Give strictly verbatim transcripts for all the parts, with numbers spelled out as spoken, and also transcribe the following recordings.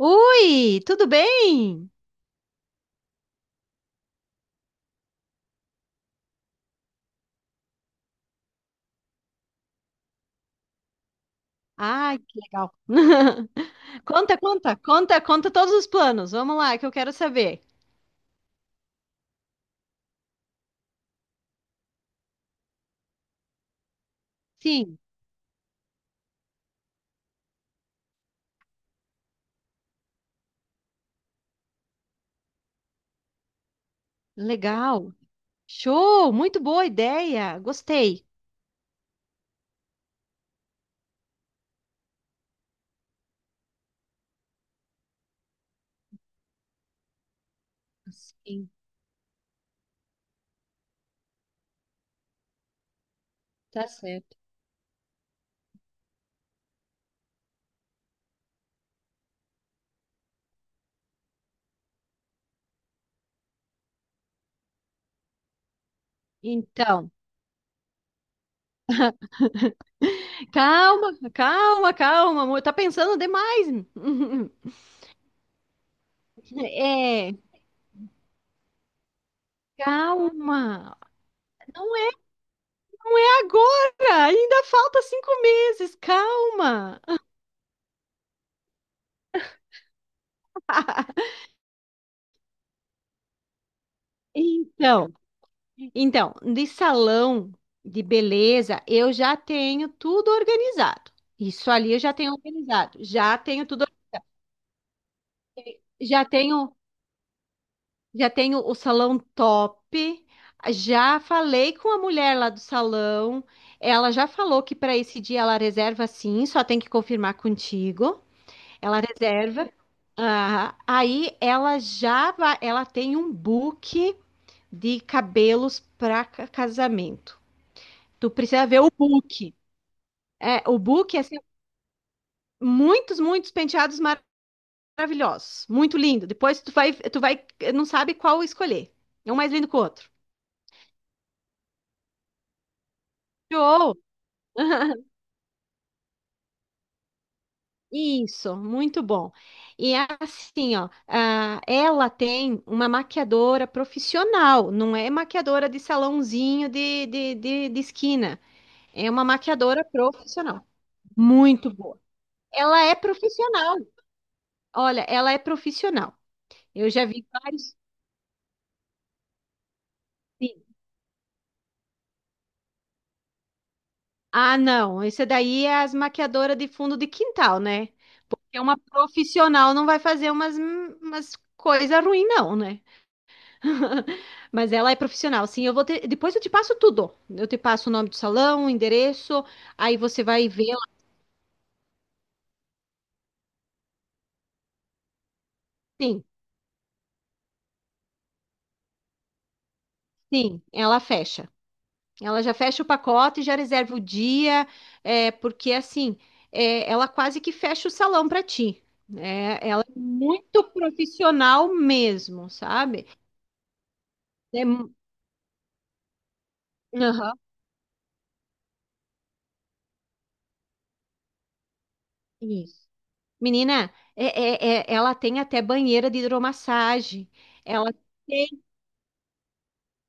Ui, tudo bem? Ai, que legal. Conta, conta, conta, conta todos os planos. Vamos lá, que eu quero saber. Sim, legal. Show, muito boa ideia. Gostei. Sim, tá certo. Então, calma, calma, calma, amor. Tá pensando demais. É, calma. Não é agora. Ainda falta cinco meses. Calma. Então, Então, de salão de beleza, eu já tenho tudo organizado. Isso ali eu já tenho organizado. Já tenho tudo, já tenho, já tenho, o salão top. Já falei com a mulher lá do salão. Ela já falou que para esse dia ela reserva sim, só tem que confirmar contigo. Ela reserva. Ah, aí ela já vai, ela tem um book de cabelos para casamento. Tu precisa ver o book. É, o book é assim, muitos, muitos penteados maravilhosos, muito lindo. Depois tu vai, tu vai, não sabe qual escolher. É um mais lindo que o outro. Show! Isso, muito bom. E é assim, ó, ah, ela tem uma maquiadora profissional, não é maquiadora de salãozinho de, de, de, de esquina. É uma maquiadora profissional. Muito boa. Ela é profissional. Olha, ela é profissional. Eu já vi vários. Ah, não. Esse daí é as maquiadoras de fundo de quintal, né? Porque uma profissional não vai fazer umas, umas coisas ruins, não, né? Mas ela é profissional, sim. Eu vou ter... Depois eu te passo tudo. Eu te passo o nome do salão, o endereço, aí você vai ver lá. Sim, sim, ela fecha. Ela já fecha o pacote, já reserva o dia, é, porque assim, é, ela quase que fecha o salão para ti. É, ela é muito profissional mesmo, sabe? É. Aham, isso. Menina, é, é- é- ela tem até banheira de hidromassagem. Ela tem.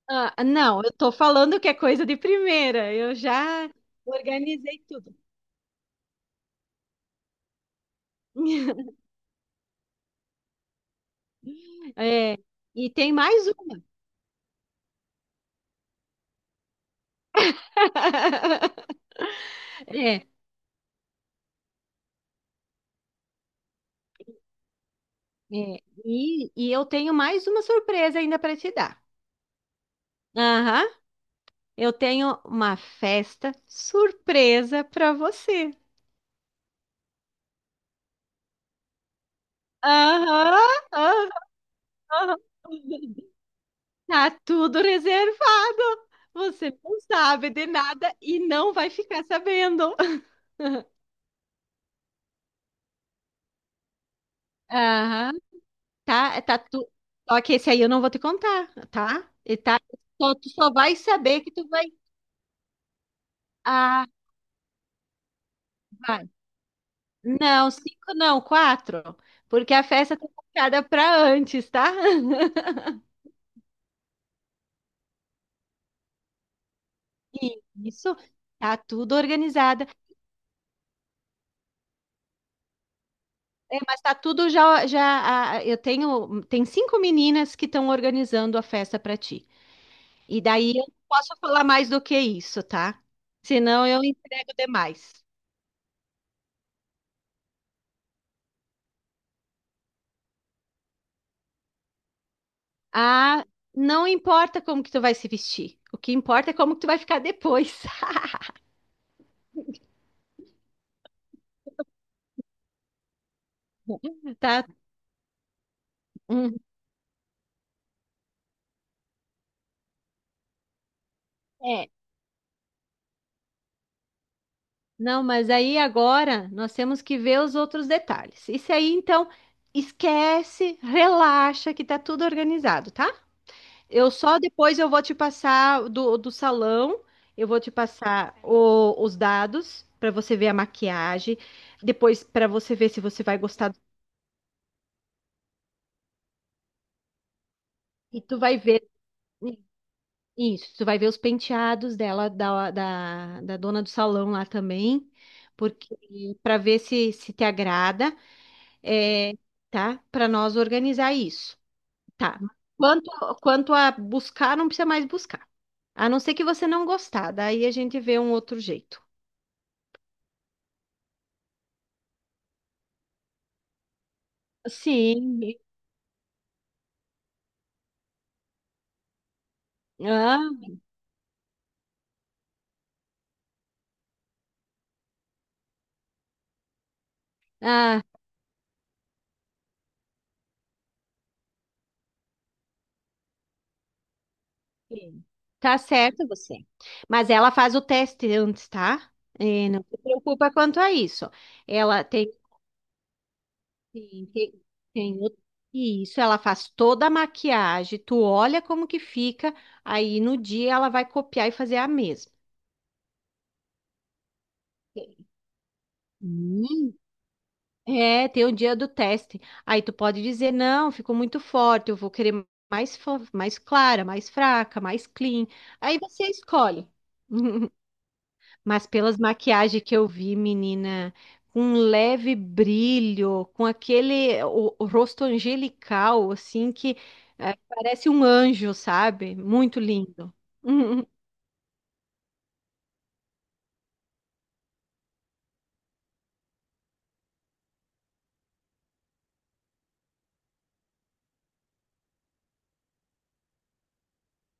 Ah, não, eu tô falando que é coisa de primeira. Eu já organizei tudo. É, e tem mais uma. É, é, e, e eu tenho mais uma surpresa ainda para te dar. Aham, eu tenho uma festa surpresa para você. Aham, aham. Tá tudo reservado. Você não sabe de nada e não vai ficar sabendo. Aham, tá, tá tu... Só que esse aí eu não vou te contar, tá? E tá, só, tu só vai saber que tu vai. Ah, vai. Não, cinco não, quatro. Porque a festa tá marcada pra antes, tá? Isso, tá tudo organizada. É, mas tá tudo já, já. Ah, eu tenho, tem cinco meninas que estão organizando a festa pra ti. E daí eu não posso falar mais do que isso, tá? Senão eu entrego demais. Ah, não importa como que tu vai se vestir. O que importa é como que tu vai ficar depois, tá? Hum, é. Não, mas aí agora nós temos que ver os outros detalhes. Isso aí, então, esquece, relaxa que tá tudo organizado, tá? Eu só depois eu vou te passar do, do salão, eu vou te passar o- os dados para você ver a maquiagem, depois para você ver se você vai gostar. E tu vai ver isso, tu vai ver os penteados dela, da, da, da dona do salão lá também, porque para ver se, se te agrada, é, tá? Para nós organizar isso, tá? Quanto, quanto a buscar, não precisa mais buscar. A não ser que você não gostar, daí a gente vê um outro jeito. Sim. Ah, ah, sim. Tá certo você. Mas ela faz o teste antes, tá? É, não se preocupa quanto a isso. Ela tem, tem, tem, tem o- isso, ela faz toda a maquiagem, tu olha como que fica, aí no dia ela vai copiar e fazer a mesma. Hum. É, tem o dia do teste. Aí tu pode dizer, não, ficou muito forte, eu vou querer mais, fo- mais clara, mais fraca, mais clean. Aí você escolhe. Mas pelas maquiagens que eu vi, menina, com um leve brilho, com aquele o, o rosto angelical, assim, que eh, parece um anjo, sabe? Muito lindo.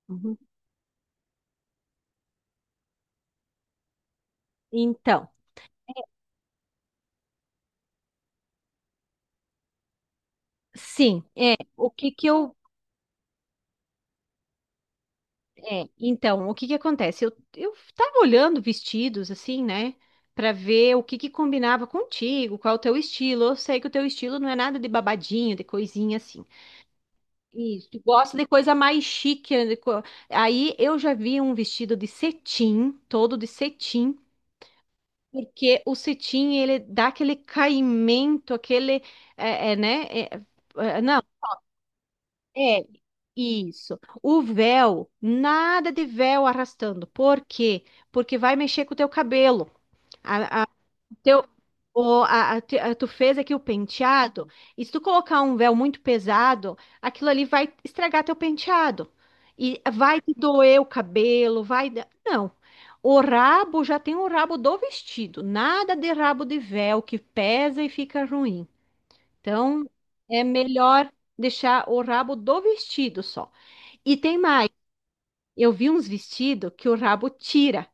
Uhum. Então, sim, é, o que que eu É, então, o que que acontece? Eu, eu tava olhando vestidos, assim, né? Pra ver o que que combinava contigo, qual o teu estilo. Eu sei que o teu estilo não é nada de babadinho, de coisinha assim. Isso, tu gosta de coisa mais chique, né? de co- Aí eu já vi um vestido de cetim, todo de cetim, porque o cetim, ele dá aquele caimento, aquele, é, é, né? É, é, não, é, isso. O véu, nada de véu arrastando. Por quê? Porque vai mexer com o teu cabelo. A, a- teu, o, a, a- te- a- tu fez aqui o penteado, e se tu colocar um véu muito pesado, aquilo ali vai estragar teu penteado. E vai te doer o cabelo. vai... da- Não. O rabo já tem o rabo do vestido. Nada de rabo de véu que pesa e fica ruim. Então, é melhor deixar o rabo do vestido só. E tem mais, eu vi uns vestidos que o rabo tira.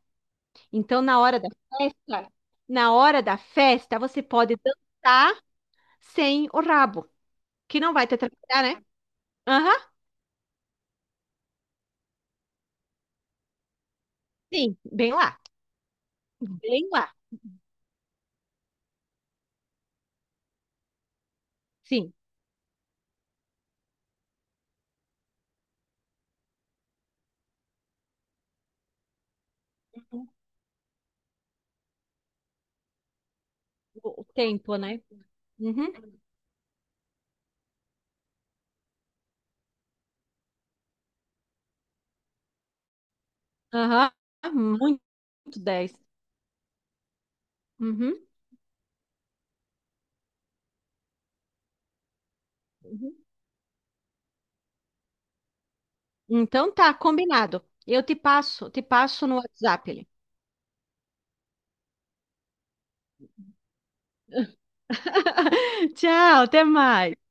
Então, na hora da festa, na hora da festa, você pode dançar sem o rabo, que não vai te atrapalhar, né? Aham, sim, bem lá, bem lá, sim. O o tempo, né? Uhum, aham, muito dez. Uhum, uhum. Então tá, combinado. Eu te passo, te passo no WhatsApp ali. Tchau, até mais.